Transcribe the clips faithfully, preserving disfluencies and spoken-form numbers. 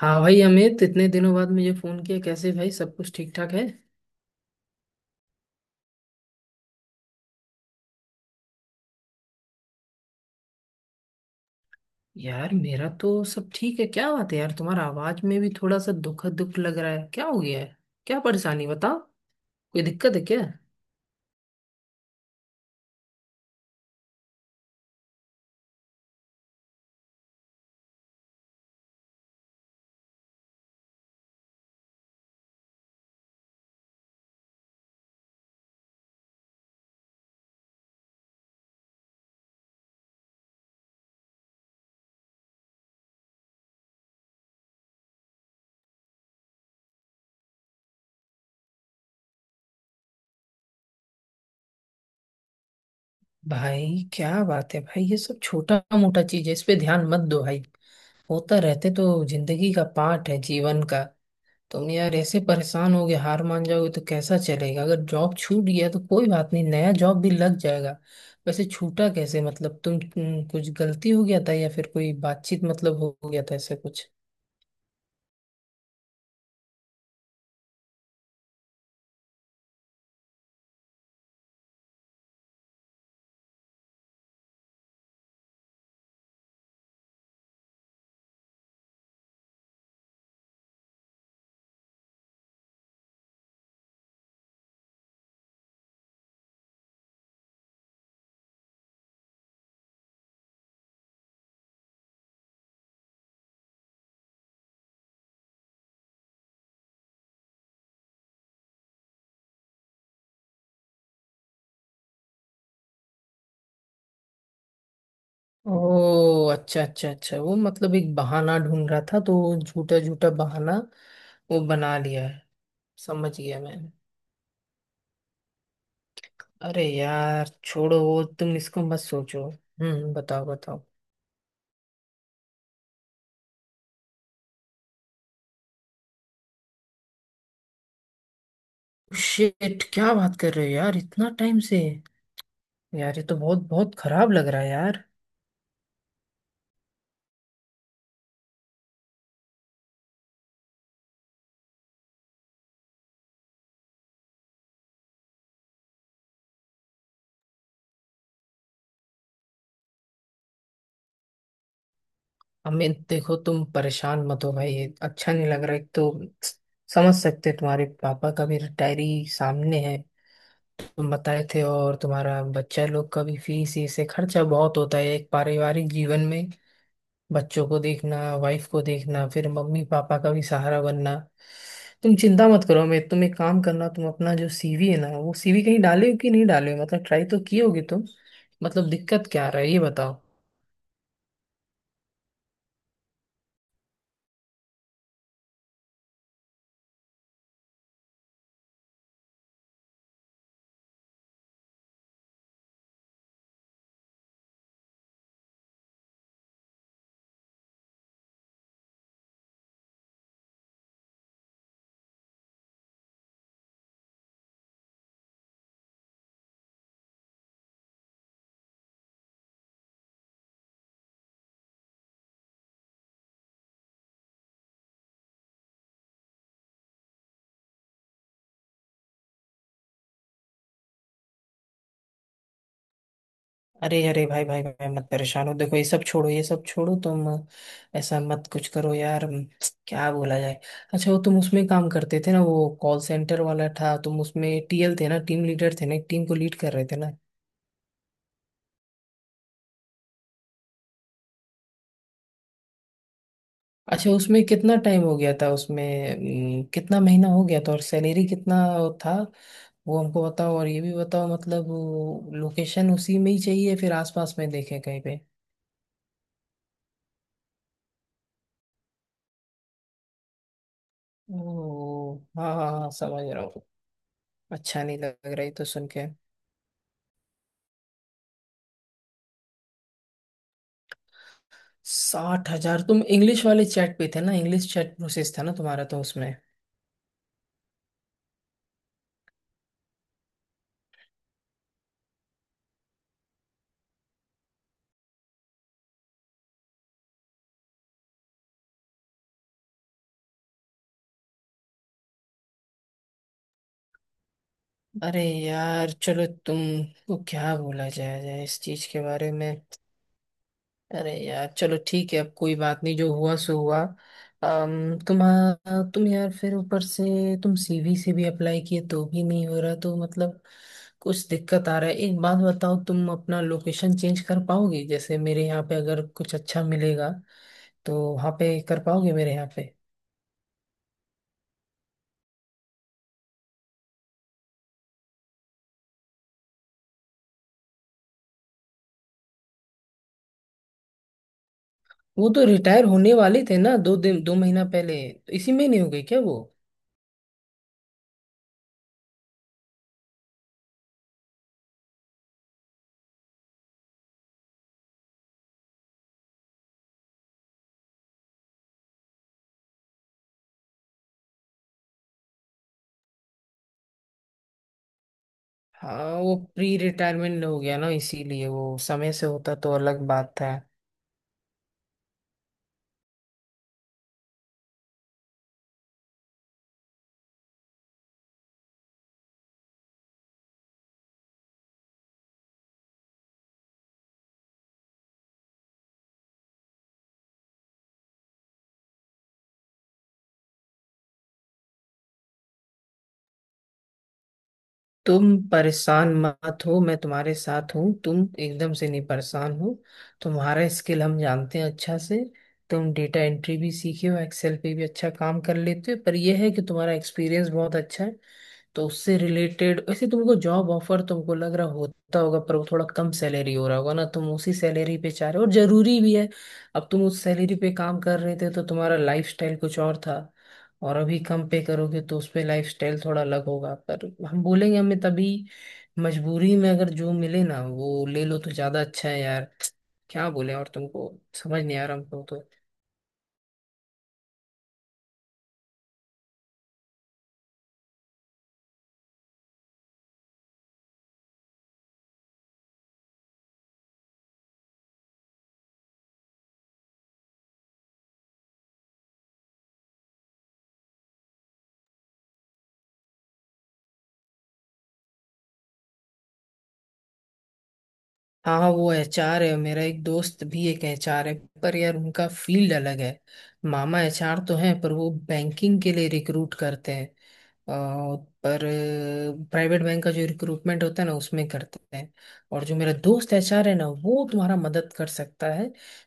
हाँ भाई, अमित इतने दिनों बाद मुझे फोन किया कैसे भाई। सब कुछ ठीक ठाक है। यार मेरा तो सब ठीक है। क्या बात है यार, तुम्हारा आवाज में भी थोड़ा सा दुख दुख लग रहा है, क्या हो गया है। क्या परेशानी बताओ। कोई दिक्कत है क्या। भाई क्या बात है भाई, ये सब छोटा मोटा चीज है, इस पे ध्यान मत दो भाई। होता रहते तो जिंदगी का पार्ट है, जीवन का। तुम तो यार ऐसे परेशान होगे, हार मान जाओगे तो कैसा चलेगा। अगर जॉब छूट गया तो कोई बात नहीं, नया जॉब भी लग जाएगा। वैसे छूटा कैसे, मतलब तुम तुम- कुछ गलती हो गया था, या फिर कोई बातचीत मतलब हो हो गया था ऐसा कुछ। ओ अच्छा अच्छा अच्छा, वो मतलब एक बहाना ढूंढ रहा था तो वो झूठा झूठा बहाना वो बना लिया है। समझ गया मैं। अरे यार छोड़ो वो, तुम इसको मत सोचो। हम्म बताओ बताओ। शिट, क्या बात कर रहे हो यार, इतना टाइम से। यार ये तो बहुत बहुत खराब लग रहा है यार। अमित देखो, तुम परेशान मत हो भाई, ये अच्छा नहीं लग रहा है। एक तो समझ सकते हैं, तुम्हारे पापा का भी रिटायरी सामने है, तुम बताए थे। और तुम्हारा बच्चा लोग का भी फीस, इससे खर्चा बहुत होता है एक पारिवारिक जीवन में। बच्चों को देखना, वाइफ को देखना, फिर मम्मी पापा का भी सहारा बनना। तुम चिंता मत करो, मैं तुम एक काम करना, तुम अपना जो सी वी है ना, वो सीवी कहीं डाले हो कि नहीं डाले हो, मतलब ट्राई तो किए होगे तुम। मतलब दिक्कत क्या आ रहा है, ये बताओ। अरे अरे भाई भाई भाई, मत परेशान हो, देखो ये सब छोड़ो, ये सब छोड़ो तुम। ऐसा मत कुछ करो यार। हम्म, क्या बोला जाए। अच्छा वो तुम उसमें काम करते थे ना, वो कॉल सेंटर वाला था, तुम उसमें टी एल थे ना, टीम लीडर थे ना, एक टीम को लीड कर रहे थे ना। अच्छा उसमें कितना टाइम हो गया था, उसमें अम, कितना महीना हो गया था, और सैलरी कितना था, वो हमको बताओ। और ये भी बताओ, मतलब लोकेशन उसी में ही चाहिए, फिर आसपास में देखें कहीं पे। ओ हाँ हाँ हाँ, समझ रहा हूँ। अच्छा नहीं लग रहा है ये तो सुन के। साठ हज़ार, तुम इंग्लिश वाले चैट पे थे ना, इंग्लिश चैट प्रोसेस था ना तुम्हारा तो उसमें। अरे यार चलो, तुमको क्या बोला जाए जाए इस चीज के बारे में। अरे यार चलो, ठीक है, अब कोई बात नहीं, जो हुआ सो हुआ। अम तुम तुम यार फिर ऊपर से तुम सी वी से भी अप्लाई किए तो भी नहीं हो रहा, तो मतलब कुछ दिक्कत आ रहा है। एक बात बताओ, तुम अपना लोकेशन चेंज कर पाओगे। जैसे मेरे यहाँ पे अगर कुछ अच्छा मिलेगा तो वहाँ पे कर पाओगे, मेरे यहाँ। वो तो रिटायर होने वाले थे ना, दो दिन दो महीना पहले, तो इसी महीने हो गई क्या वो। हाँ वो प्री रिटायरमेंट हो गया ना, इसीलिए, वो समय से होता तो अलग बात था। तुम परेशान मत हो, मैं तुम्हारे साथ हूँ, तुम एकदम से नहीं परेशान हो। तुम्हारा स्किल हम जानते हैं अच्छा से। तुम डेटा एंट्री भी सीखे हो, एक्सेल पे भी अच्छा काम कर लेते हो, पर यह है कि तुम्हारा एक्सपीरियंस बहुत अच्छा है। तो उससे रिलेटेड वैसे तुमको जॉब ऑफर तुमको लग रहा होता होगा, पर वो थोड़ा कम सैलरी हो रहा होगा ना, तुम उसी सैलरी पे चाह रहे हो, और जरूरी भी है। अब तुम उस सैलरी पे काम कर रहे थे तो तुम्हारा लाइफस्टाइल कुछ और था, और अभी कम पे करोगे तो उस पे लाइफ स्टाइल थोड़ा अलग होगा, पर हम बोलेंगे हमें तभी, मजबूरी में अगर जो मिले ना वो ले लो तो ज्यादा अच्छा है यार। क्या बोले और तुमको, समझ नहीं आ रहा हमको तो। हाँ वो एच आर है, मेरा एक दोस्त भी एक एच आर है, पर यार उनका फील्ड अलग है। मामा एच आर तो हैं, पर वो बैंकिंग के लिए रिक्रूट करते हैं। अ, पर प्राइवेट बैंक का जो रिक्रूटमेंट होता है ना, उसमें करते हैं। और जो मेरा दोस्त एच आर है ना, वो तुम्हारा मदद कर सकता है,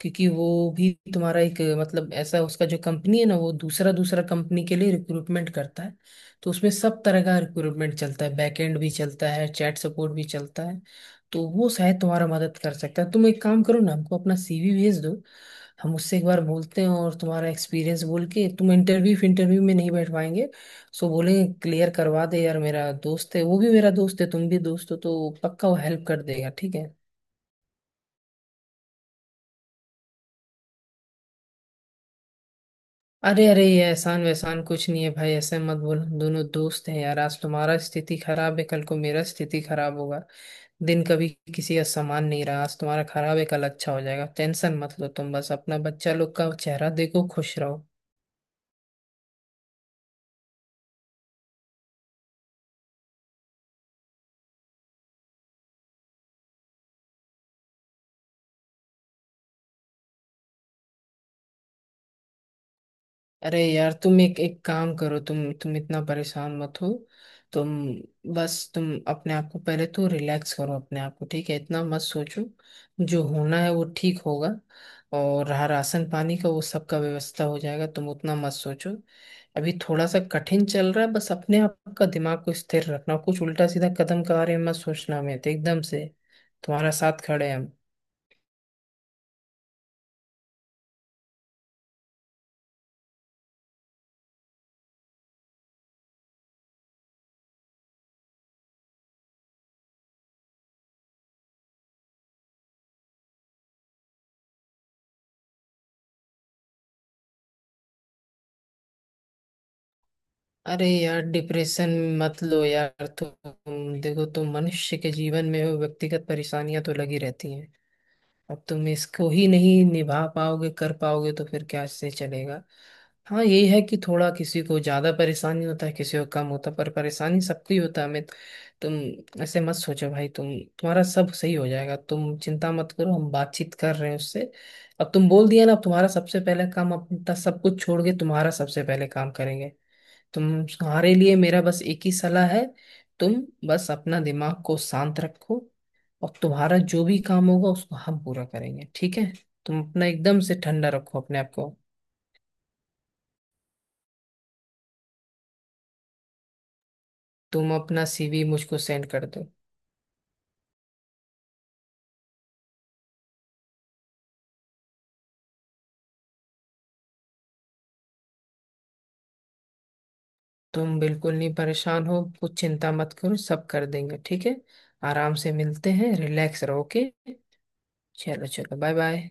क्योंकि वो भी तुम्हारा एक मतलब ऐसा, उसका जो कंपनी है ना, वो दूसरा दूसरा कंपनी के लिए रिक्रूटमेंट करता है। तो उसमें सब तरह का रिक्रूटमेंट चलता है, बैकएंड भी चलता है, चैट सपोर्ट भी चलता है। तो वो शायद तुम्हारा मदद कर सकता है। तुम एक काम करो ना, हमको अपना सी वी भेज दो, हम उससे एक बार बोलते हैं, और तुम्हारा एक्सपीरियंस बोल के, तुम इंटरव्यू इंटरव्यू में नहीं बैठ पाएंगे सो बोलेंगे क्लियर करवा दे यार, मेरा दोस्त है, वो भी मेरा दोस्त है, तुम भी दोस्त हो, तो पक्का वो हेल्प कर देगा, ठीक है। अरे अरे, ये एहसान वैसान कुछ नहीं है भाई, ऐसे मत बोलो, हम दोनों दोस्त हैं यार। आज तुम्हारा स्थिति खराब है, कल को मेरा स्थिति खराब होगा। दिन कभी किसी का समान नहीं रहा, आज तुम्हारा खराब है कल अच्छा हो जाएगा। टेंशन मत लो, तुम बस अपना बच्चा लोग का चेहरा देखो, खुश रहो। अरे यार तुम एक एक काम करो, तुम तुम इतना परेशान मत हो। तुम बस, तुम अपने आप को पहले तो रिलैक्स करो, अपने आप को ठीक है, इतना मत सोचो, जो होना है वो ठीक होगा। और रहा राशन पानी का, वो सबका व्यवस्था हो जाएगा, तुम उतना मत सोचो। अभी थोड़ा सा कठिन चल रहा है, बस अपने आप का दिमाग को स्थिर रखना, कुछ उल्टा सीधा कदम के बारे में मत सोचना, हमें तो एकदम से तुम्हारा साथ खड़े हैं हम। अरे यार, डिप्रेशन मत लो यार, तुम देखो, तुम मनुष्य के जीवन में हो, व्यक्तिगत परेशानियां तो लगी रहती हैं। अब तुम इसको ही नहीं निभा पाओगे, कर पाओगे, तो फिर क्या से चलेगा। हाँ यही है कि थोड़ा किसी को ज्यादा परेशानी होता है, किसी को कम होता है, पर परेशानी सबको ही होता है। मैं, तुम ऐसे मत सोचो भाई, तुम तुम्हारा सब सही हो जाएगा, तुम चिंता मत करो, हम बातचीत कर रहे हैं उससे। अब तुम बोल दिया ना, अब तुम्हारा सबसे पहले काम, अपना सब कुछ छोड़ के तुम्हारा सबसे पहले काम करेंगे। तुम्हारे लिए मेरा बस एक ही सलाह है, तुम बस अपना दिमाग को शांत रखो, और तुम्हारा जो भी काम होगा उसको हम पूरा करेंगे, ठीक है। तुम अपना एकदम से ठंडा रखो अपने आप को। तुम अपना सीवी मुझको सेंड कर दो। तुम बिल्कुल नहीं परेशान हो, कुछ चिंता मत करो, सब कर देंगे ठीक है। आराम से मिलते हैं, रिलैक्स रहो के। चलो चलो, बाय बाय।